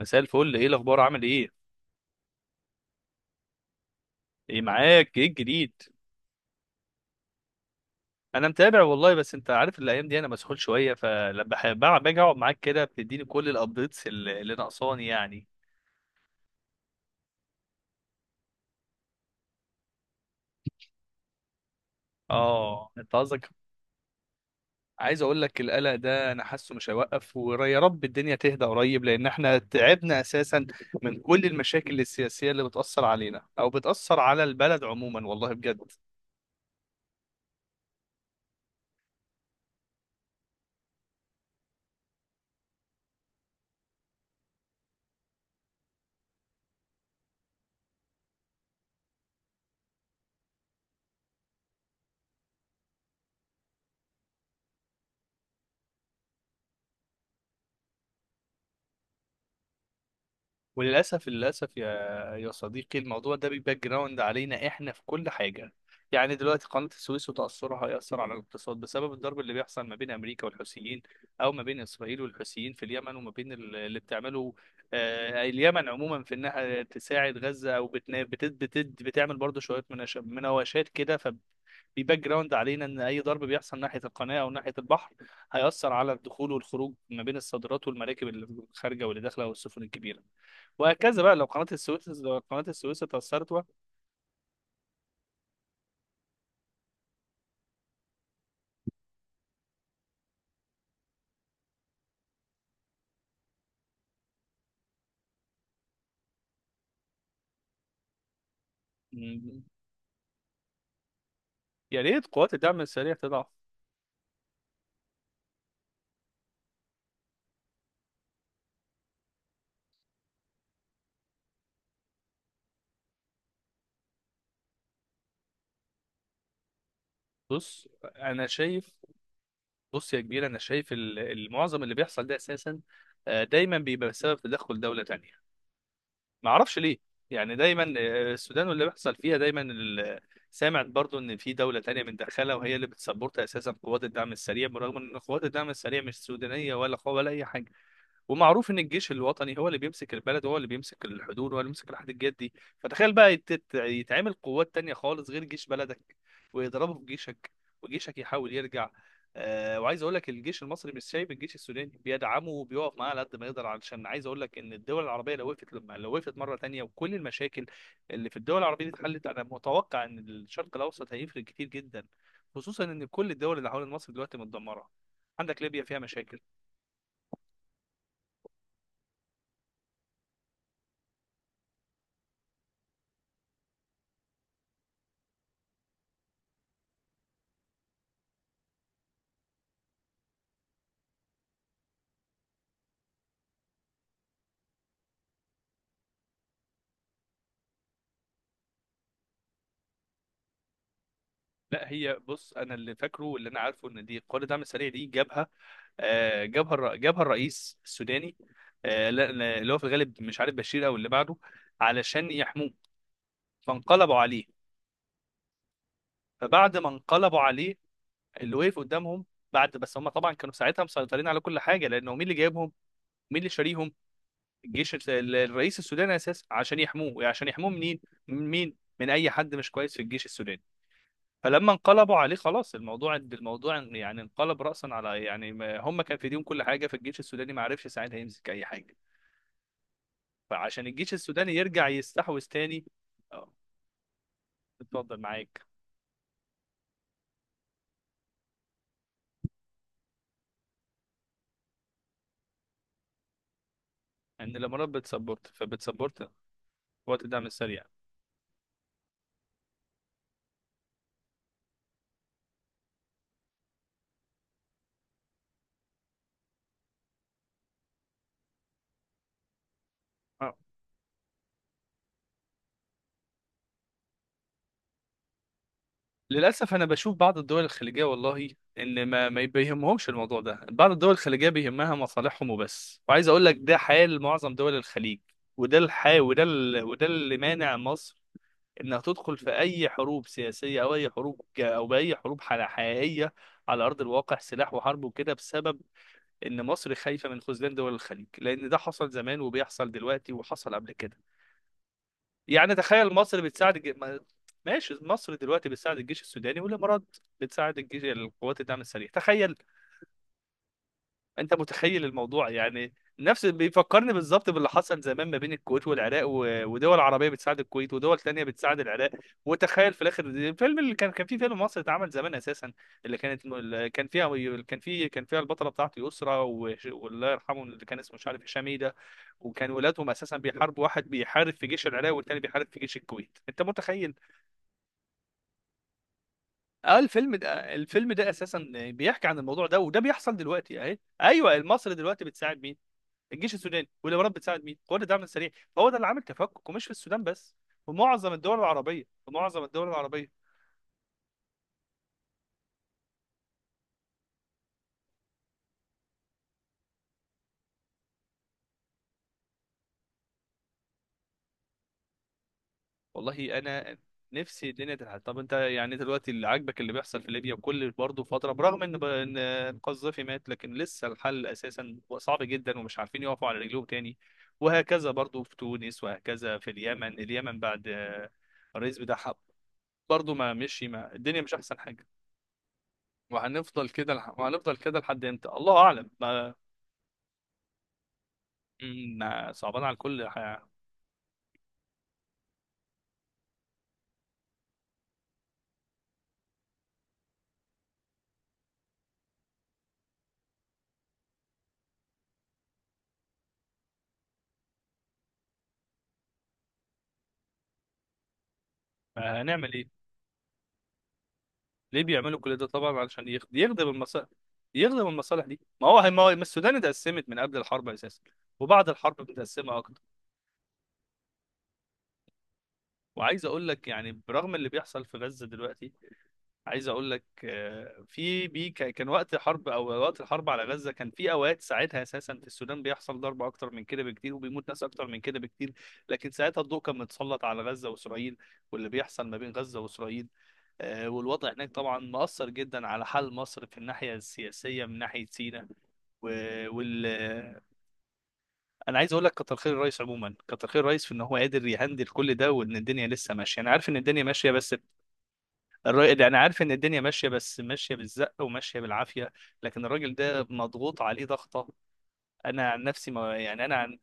مساء الفل، ايه الاخبار؟ عامل ايه؟ ايه معاك؟ ايه الجديد؟ انا متابع والله، بس انت عارف الايام دي انا مسحول شويه، فلما باجي اقعد معاك كده بتديني كل الابديتس اللي ناقصاني يعني. اه انت قصدك. عايز اقول لك القلق ده انا حاسه مش هيوقف، ويا رب الدنيا تهدى قريب، لان احنا تعبنا اساسا من كل المشاكل السياسيه اللي بتاثر علينا او بتاثر على البلد عموما، والله بجد. وللاسف للاسف يا صديقي، الموضوع ده بيباك جراوند علينا احنا في كل حاجه. يعني دلوقتي قناه السويس وتاثرها هياثر على الاقتصاد بسبب الضرب اللي بيحصل ما بين امريكا والحوثيين، او ما بين اسرائيل والحوثيين في اليمن، وما بين اللي بتعمله اليمن عموما في انها تساعد غزه، او بتعمل برضه شويه مناوشات كده. ف بيباك جراوند علينا ان اي ضرب بيحصل ناحيه القناه او ناحيه البحر هياثر على الدخول والخروج ما بين الصادرات والمراكب اللي خارجه واللي داخله والسفن الكبيره، وهكذا بقى. لو قناة السويس اتأثرت بقى. مم. يا ريت قوات الدعم السريع تضعف. بص أنا شايف. بص يا كبير، أنا شايف المعظم اللي بيحصل ده أساسا دايما بيبقى بسبب تدخل دولة تانية. ما أعرفش ليه، يعني دايما السودان واللي بيحصل فيها دايما سامع برضو إن في دولة تانية متدخلة وهي اللي بتسبورت أساسا قوات الدعم السريع، برغم إن قوات الدعم السريع مش سودانية ولا أي حاجة. ومعروف ان الجيش الوطني هو اللي بيمسك البلد، هو اللي بيمسك الحدود، هو اللي بيمسك الحديقات دي. فتخيل بقى يتعمل قوات تانية خالص غير جيش بلدك، ويضربوا في جيشك، وجيشك يحاول يرجع. آه، وعايز اقول لك الجيش المصري مش سايب الجيش السوداني، بيدعمه وبيقف معاه على قد ما يقدر، علشان عايز اقول لك ان الدول العربيه لو وقفت لو وقفت مره تانية وكل المشاكل اللي في الدول العربيه دي اتحلت، انا متوقع ان الشرق الاوسط هيفرق كتير جدا، خصوصا ان كل الدول اللي حوالين مصر دلوقتي متدمره. عندك ليبيا فيها مشاكل. لا هي بص، انا اللي فاكره واللي انا عارفه ان دي قوات الدعم السريع دي جابها جابها الرئيس السوداني، اللي هو في الغالب مش عارف بشير او اللي بعده، علشان يحموه. فانقلبوا عليه. فبعد ما انقلبوا عليه، اللي وقف قدامهم، بعد بس هم طبعا كانوا ساعتها مسيطرين على كل حاجه، لانه مين اللي جايبهم؟ مين اللي شاريهم؟ الرئيس السوداني اساسا، عشان يحموه. عشان يحموه منين؟ من مين؟ من اي حد مش كويس في الجيش السوداني. فلما انقلبوا عليه خلاص، الموضوع يعني انقلب رأسا على يعني هم كان في ايديهم كل حاجة، فالجيش السوداني ما عرفش ساعتها يمسك أي حاجة. فعشان الجيش السوداني يرجع يستحوذ تاني. اه اتفضل معاك. ان الامارات بتسبورت، فبتسبورت وقت الدعم السريع. اه للاسف، انا بشوف بعض الدول الخليجيه والله ان ما بيهمهمش الموضوع ده. بعض الدول الخليجيه بيهمها مصالحهم وبس، وعايز اقول لك ده حال معظم دول الخليج، وده الحال، وده اللي مانع مصر انك تدخل في اي حروب سياسيه او اي او باي حقيقيه على ارض الواقع، سلاح وحرب وكده، بسبب ان مصر خايفه من خذلان دول الخليج، لان ده حصل زمان وبيحصل دلوقتي وحصل قبل كده. يعني تخيل مصر بتساعد ماشي، مصر دلوقتي بتساعد الجيش السوداني، والامارات بتساعد القوات الدعم السريع. تخيل، انت متخيل الموضوع يعني. نفس بيفكرني بالظبط باللي حصل زمان ما بين الكويت والعراق، ودول عربيه بتساعد الكويت ودول تانية بتساعد العراق. وتخيل في الاخر، الفيلم اللي كان في فيلم مصري اتعمل زمان اساسا، اللي كان فيها كان فيها البطله بتاعته يسرا والله يرحمه اللي كان اسمه مش عارف هشام ايه ده، وكان ولادهم اساسا بيحاربوا، واحد بيحارب في جيش العراق والتاني بيحارب في جيش الكويت، انت متخيل. اه الفيلم ده، الفيلم ده اساسا بيحكي عن الموضوع ده، وده بيحصل دلوقتي اهي. ايوه، مصر دلوقتي بتساعد مين؟ الجيش السوداني، ولو رب بتساعد مين؟ هو ده الدعم السريع. فهو ده اللي عامل تفكك، ومش في السودان بس، في معظم الدول العربيه، في معظم الدول العربيه. والله انا نفسي الدنيا تتحل. طب انت يعني دلوقتي اللي عاجبك اللي بيحصل في ليبيا؟ وكل برضه فتره برغم ان ان القذافي مات، لكن لسه الحل اساسا صعب جدا ومش عارفين يقفوا على رجلهم تاني. وهكذا برضه في تونس، وهكذا في اليمن. اليمن بعد الرئيس بتاعها برضه ما مشي، ما الدنيا مش احسن حاجه. وهنفضل وهنفضل كده لحد امتى؟ الله اعلم. ما مم، صعبان على الكل. هنعمل ايه؟ ليه بيعملوا كل ده؟ طبعا علشان يخدم المصالح، يخدم المصالح دي. ما هو ما هو ما السودان اتقسمت من قبل الحرب اساسا، وبعد الحرب متقسمه اكتر. وعايز اقول لك يعني برغم اللي بيحصل في غزه دلوقتي، عايز اقول لك كان وقت حرب او وقت الحرب على غزه، كان في اوقات ساعتها اساسا في السودان بيحصل ضرب اكتر من كده بكتير، وبيموت ناس اكتر من كده بكتير، لكن ساعتها الضوء كان متسلط على غزه واسرائيل واللي بيحصل ما بين غزه واسرائيل. والوضع هناك طبعا مؤثر جدا على حال مصر في الناحيه السياسيه من ناحيه سيناء و- وال انا عايز اقول لك كتر خير الرئيس عموما، كتر خير الرئيس في ان هو قادر يهندل كل ده، وان الدنيا لسه ماشيه. انا عارف ان الدنيا ماشيه بس الراجل ده، انا عارف ان الدنيا ماشيه بس ماشيه بالزق وماشيه بالعافيه، لكن الراجل ده مضغوط عليه ضغطه. انا عن نفسي ما يعني انا عن.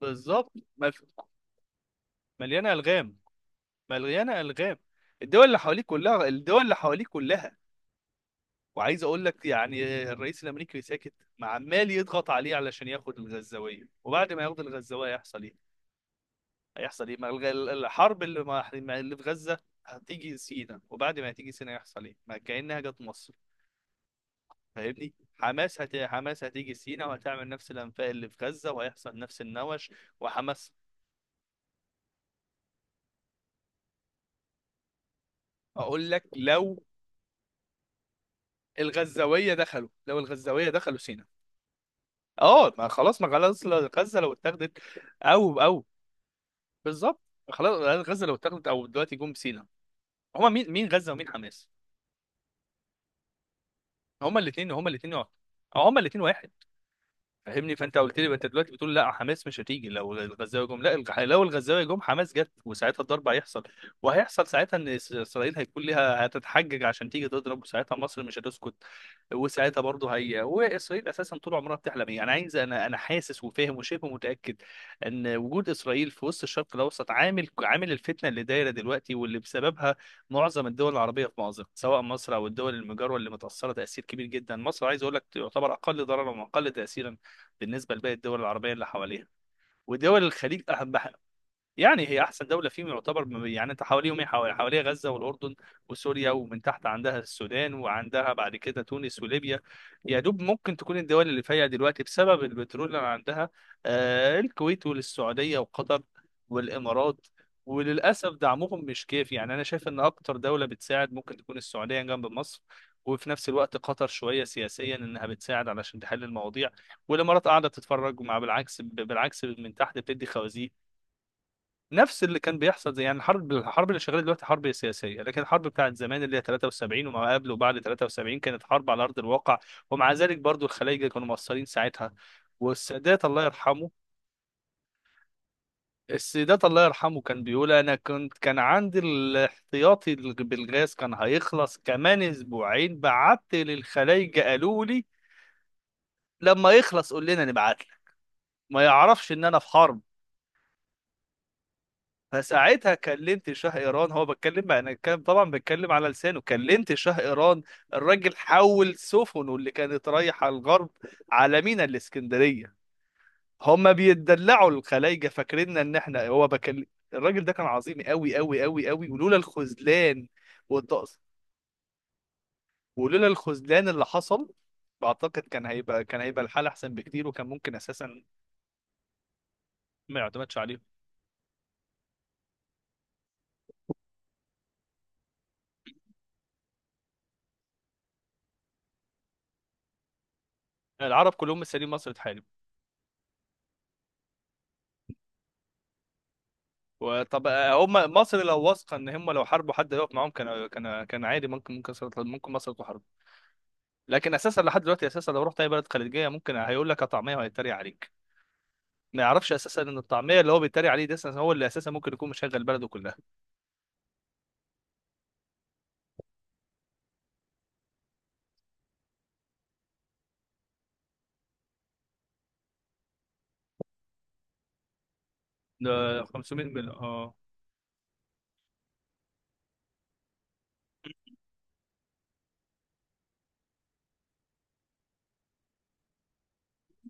بالظبط. مف- مليانه الغام مليانه الغام. الدول اللي حواليك كلها. وعايز اقول لك يعني الرئيس الامريكي ساكت، ما عمال يضغط عليه علشان ياخد الغزاويه. وبعد ما ياخد الغزاويه هيحصل ايه؟ هيحصل ايه؟ ما الحرب اللي ما اللي في غزه هتيجي سينا، وبعد ما هتيجي سينا يحصل ايه؟ ما كانها جت مصر، فاهمني. حماس هتيجي سينا وهتعمل نفس الانفاق اللي في غزه، وهيحصل نفس النوش. وحماس اقول لك، لو الغزاويه دخلوا، لو الغزاويه دخلوا سينا. اه، ما خلاص، ما خلاص. لو غزه لو اتاخدت، او بالظبط. خلاص. غزه لو اتاخدت، او دلوقتي جم سينا، هما مين؟ مين غزه ومين حماس؟ هما الاثنين، هما الاثنين، هما الاثنين واحد، فاهمني. فانت قلت لي انت دلوقتي بتقول لا، حماس مش هتيجي لو الغزاوي جم. لا لو الغزاوي جم، حماس جت، وساعتها الضرب هيحصل. وهيحصل ساعتها ان اسرائيل هيكون ليها هتتحجج عشان تيجي تضرب، وساعتها مصر مش هتسكت. وساعتها برضه هي واسرائيل اساسا طول عمرها بتحلم ايه. انا عايز انا حاسس وفاهم وشبه متاكد ان وجود اسرائيل في وسط الشرق الاوسط عامل الفتنه اللي دايره دلوقتي، واللي بسببها معظم الدول العربيه في مأزق، سواء مصر او الدول المجاوره اللي متاثره تاثير كبير جدا. مصر عايز اقول لك تعتبر اقل ضررا واقل تاثيرا بالنسبه لباقي الدول العربيه اللي حواليها ودول الخليج. يعني هي احسن دوله فيهم يعتبر. يعني انت حواليهم ايه؟ حواليها غزه والاردن وسوريا، ومن تحت عندها السودان، وعندها بعد كده تونس وليبيا. يا دوب ممكن تكون الدول اللي فيها دلوقتي بسبب البترول اللي عندها آه الكويت والسعوديه وقطر والامارات. وللاسف دعمهم مش كافي، يعني انا شايف ان اكتر دوله بتساعد ممكن تكون السعوديه جنب مصر، وفي نفس الوقت قطر شويه سياسيا انها بتساعد علشان تحل المواضيع، والامارات قاعده تتفرج. مع بالعكس، بالعكس، من تحت بتدي خوازيق. نفس اللي كان بيحصل زي يعني الحرب، اللي شغاله دلوقتي حرب سياسيه، لكن الحرب بتاعت زمان اللي هي 73 وما قبل وبعد 73 كانت حرب على ارض الواقع. ومع ذلك برضو الخلايجه كانوا مقصرين ساعتها. والسادات الله يرحمه، السادات الله يرحمه كان بيقول انا كنت كان عندي الاحتياطي بالغاز كان هيخلص كمان اسبوعين، بعت للخلايجه قالوا لي لما يخلص قول لنا نبعت لك. ما يعرفش ان انا في حرب. فساعتها كلمت شاه ايران، هو بتكلم بقى، انا كان طبعا بتكلم على لسانه، كلمت شاه ايران. الراجل حول سفنه اللي كانت رايحه الغرب على مينا الاسكندريه. هما بيتدلعوا الخلايجه، فاكريننا ان احنا هو بكلم. الراجل ده كان عظيم، قوي قوي قوي قوي، ولولا الخذلان والتقص، ولولا الخذلان اللي حصل، بعتقد كان هيبقى الحال احسن بكتير، وكان ممكن اساسا. ما يعتمدش عليهم، العرب كلهم مستنيين مصر تحارب. وطب هم مصر لو واثقه ان هم لو حاربوا حد يقف معاهم، كان كان عادي، ممكن مصر ممكن مصر تحارب. لكن اساسا لحد دلوقتي اساسا، لو رحت اي بلد خليجيه ممكن هيقول لك طعميه وهيتريق عليك. ما يعرفش اساسا ان الطعميه اللي هو بيتريق عليه ده أساساً هو اللي اساسا ممكن يكون مشغل بلده كلها. ده 500 مليون. اه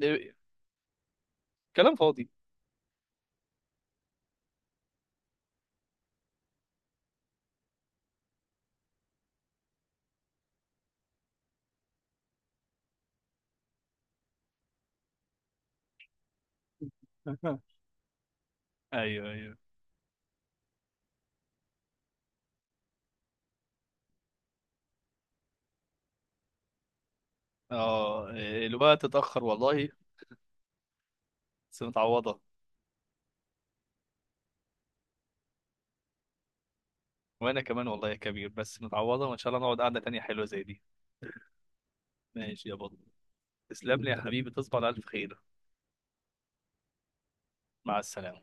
ده كلام فاضي. ايوه ايوه. اه الوقت اتاخر والله، بس متعوضه. وانا كمان والله يا كبير، بس متعوضه، وان شاء الله نقعد قعده تانية حلوه زي دي. ماشي يا بطل، تسلم لي يا حبيبي، تصبح على الف خير. مع السلامة.